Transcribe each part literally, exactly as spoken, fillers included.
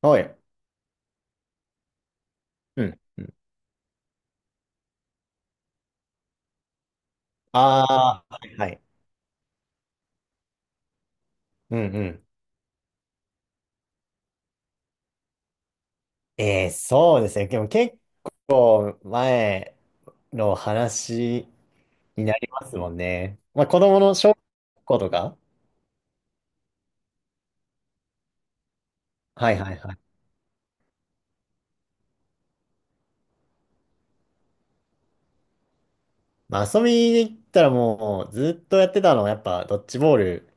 はい。うん。うんああ、はいはい。うんうん。えー、そうですね。でも結構前の話になりますもんね。まあ子供の小学校とか。はいはいはい。まあ遊びに行ったらもうずっとやってたのはやっぱドッジボール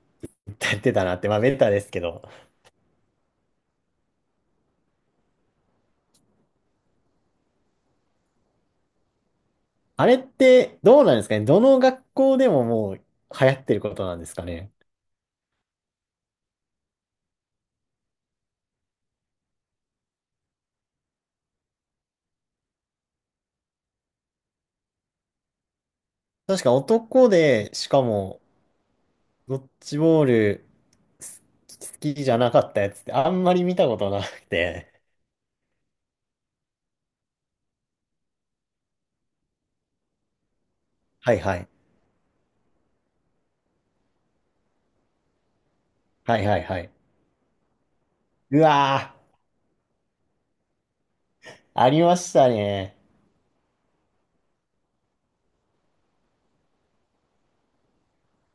やってたなって、まあベタですけど。あれってどうなんですかね。どの学校でももう流行ってることなんですかね。確か男で、しかもドッジボールす好きじゃなかったやつってあんまり見たことなくて。はいはい。はいはいはい。うわー、ありましたね。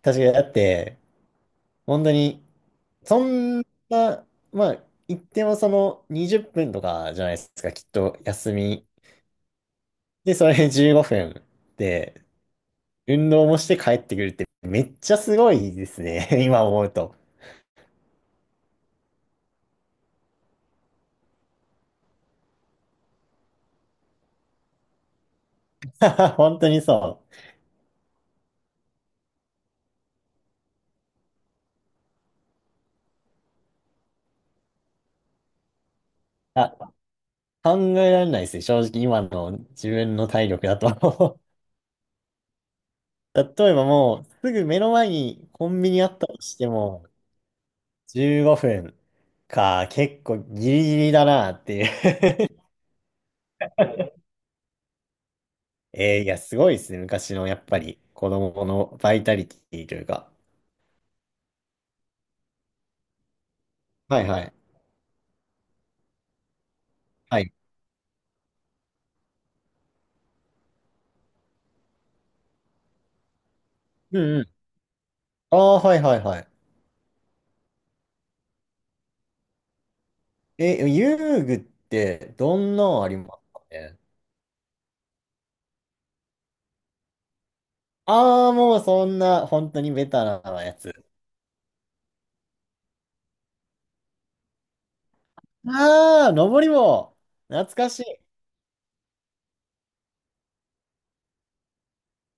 確かに、だって、本当に、そんな、まあ、言ってもそのにじゅっぷんとかじゃないですか、きっと休み。で、それじゅうごふんで、運動もして帰ってくるってめっちゃすごいですね、今思うと。本当にそう。あ考えられないですね。正直今の自分の体力だと 例えばもうすぐ目の前にコンビニあったとしてもじゅうごふんか結構ギリギリだなっていう えーいや、すごいですね。昔のやっぱり子供のバイタリティというか。はいはい。はい。うんうん。ああ、はいはいはい。え、遊具ってどんなのありますかねああー、もうそんな本当にベタなやつ。ああ、登り棒。懐かしい。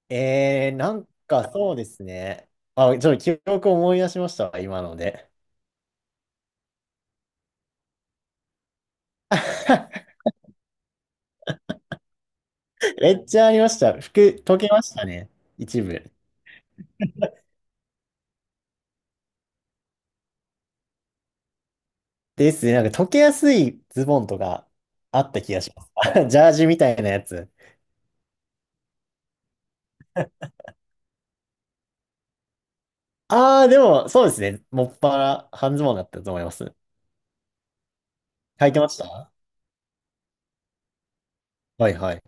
えー、なんかそうですね。あ、ちょっと記憶思い出しましたわ、今ので。めっちゃありました。服、溶けましたね。一部。ですね。なんか溶けやすいズボンとかあった気がします。ジャージみたいなやつ。ああ、でも、そうですね。もっぱら半ズボンだったと思います。履いてましたはいはい。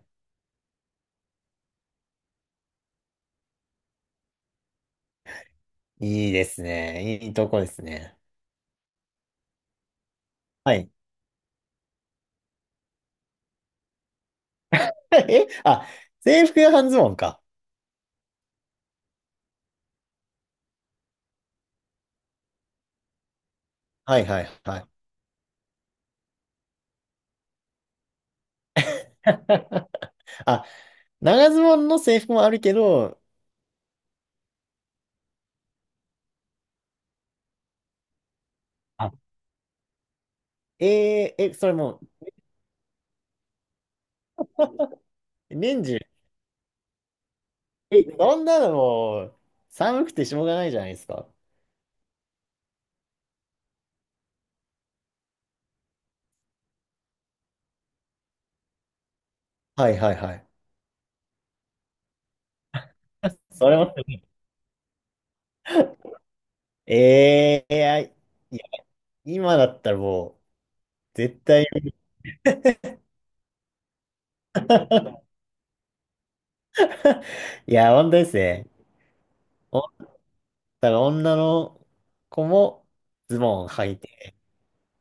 いいですね。いいとこですね。はい。え、あ、制服が半ズボンか。はいはいはい。あ、長ズボンの制服もあるけど、あ、えー、え、それもう、年中、え、そんなのもう、寒くてしょうがないじゃないですか。はいはいはい。それも、えー、いや、いや今だったらもう、絶対、いや、本当ですね。おだから女の子もズボン履いて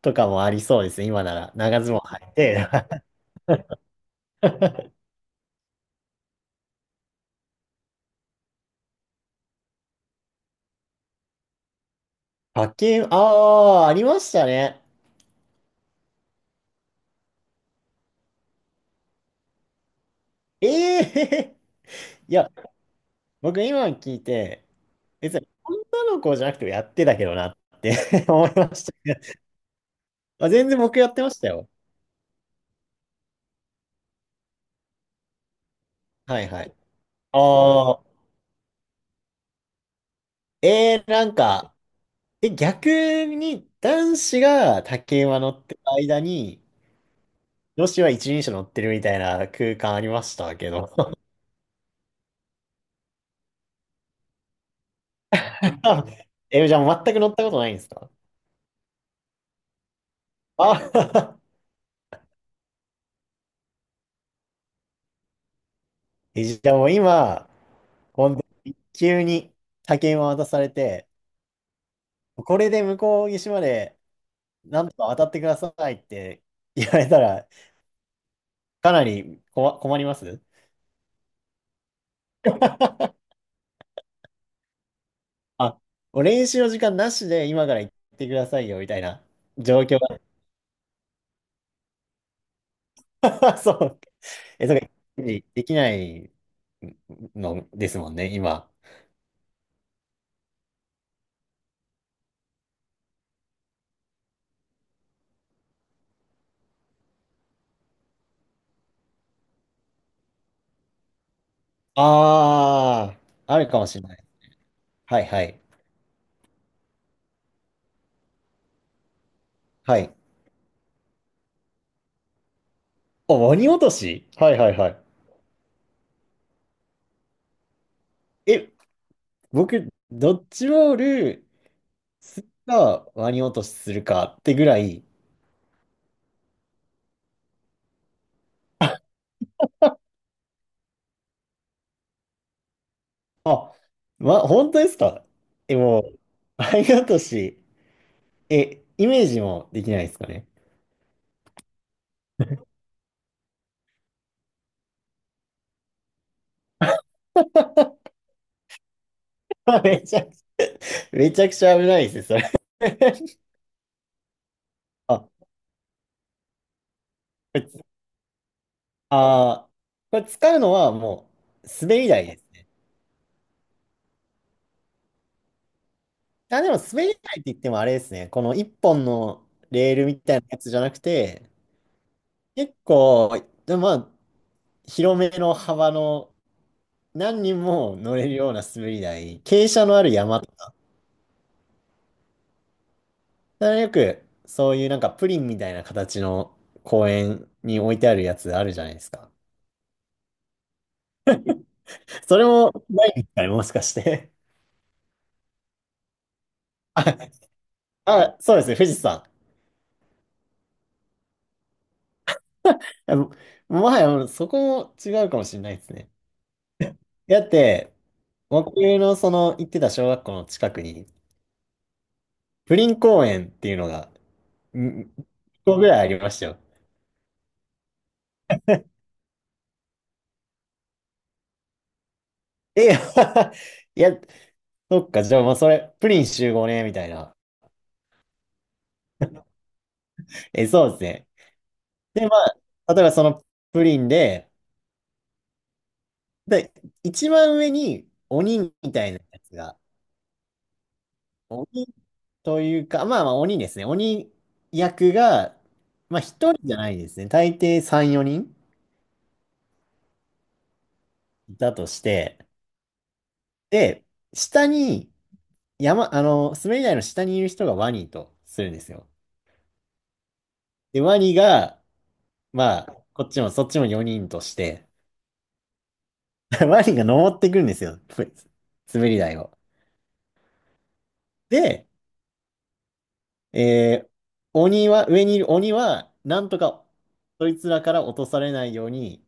とかもありそうですね、今なら。長ズボン履いて。派遣、ああ、ありましたね。ええー、いや、僕今聞いて、別に女の子じゃなくてもやってたけどなって 思いましたけどまあ、全然僕やってましたよ。はいはい。ああ、えー、なんか、え、逆に男子が竹馬乗ってる間に、女子は一輪車乗ってるみたいな空間ありましたけど。あえ、じゃあもう全く乗ったことないんですかあ え、じゃあもう今、本当に急に竹馬渡されて、これで向こう岸までなんとか渡ってくださいって言われたら、かなりこわ困ります あ、もう練習の時間なしで今から行ってくださいよみたいな状況が。そう。え、そうか、できないのですもんね、今。ああ、あるかもしれない。はいはい。はい。お、鬼落としはいはいはい。え、僕、ドッジボールするか、ワニ落としするかってぐらい、あ、ま、本当ですかえ、もう、ワニ落とし。え、イメージもできないですかね。めちゃくちゃ、めちゃくちゃ危ないですね、それ。あ、これあー、これ使うのはもう滑り台ですね。あ、でも滑り台って言ってもあれですね。この一本のレールみたいなやつじゃなくて、結構、でもまあ、広めの幅の何人も乗れるような滑り台、傾斜のある山。だからよく、そういうなんかプリンみたいな形の公園に置いてあるやつあるじゃないですか。それもないんですかね、もしかして。あ、あ、そうですね、富士山。いやももはや、そこも違うかもしれないですね。だって、僕のその行ってた小学校の近くに、プリン公園っていうのが、んいっこぐらいありましたよ。え、いや、そっか、じゃあ、まあ、それ、プリン集合ね、みたいな。え、そうですね。で、まあ、例えばそのプリンで、で、一番上に鬼みたいなやつが、鬼というか、まあまあ鬼ですね。鬼役が、まあ一人じゃないですね。大抵さん、よにんいたとして、で、下に、山、あの、滑り台の下にいる人がワニとするんですよ。で、ワニが、まあ、こっちもそっちもよにんとして、ワニが登ってくるんですよ。滑り台を。で、えー鬼は、上にいる鬼は、なんとか、そいつらから落とされないように、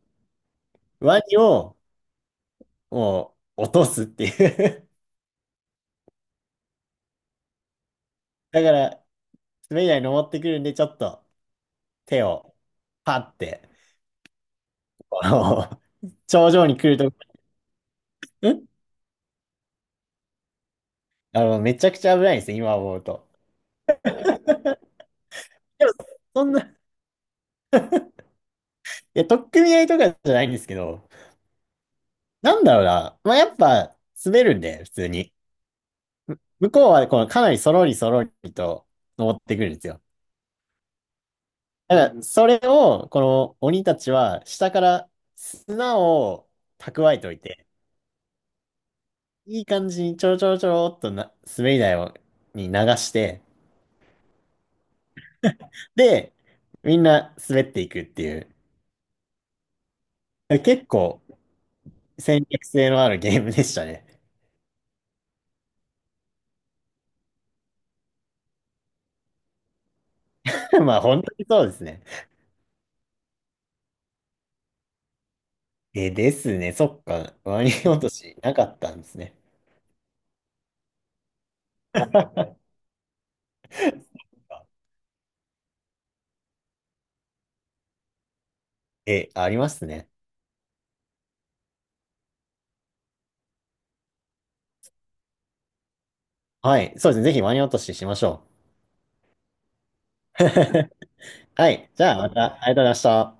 ワニを、もう、落とすっていうだから、滑り台に登ってくるんで、ちょっと手をパって、あの頂上に来ると、んあの、めちゃくちゃ危ないんですよ、今思うと。でも、そんな、いや、取っ組み合いとかじゃないんですけど、なんだろうな。まあ、やっぱ、滑るんで、普通に。向こうは、この、かなりそろりそろりと登ってくるんですよ。だから、それを、この鬼たちは、下から砂を蓄えておいて、いい感じにちょろちょろちょろっとな、滑り台を、に流して、で、みんな滑っていくっていう、結構戦略性のあるゲームでしたね。まあ本当にそうですね。え、ですね。そっか。ワニ落としなかったんですね。え、ありますね。はい。そうですね。ぜひワニ落とししましょう。はい。じゃあまた、ありがとうございました。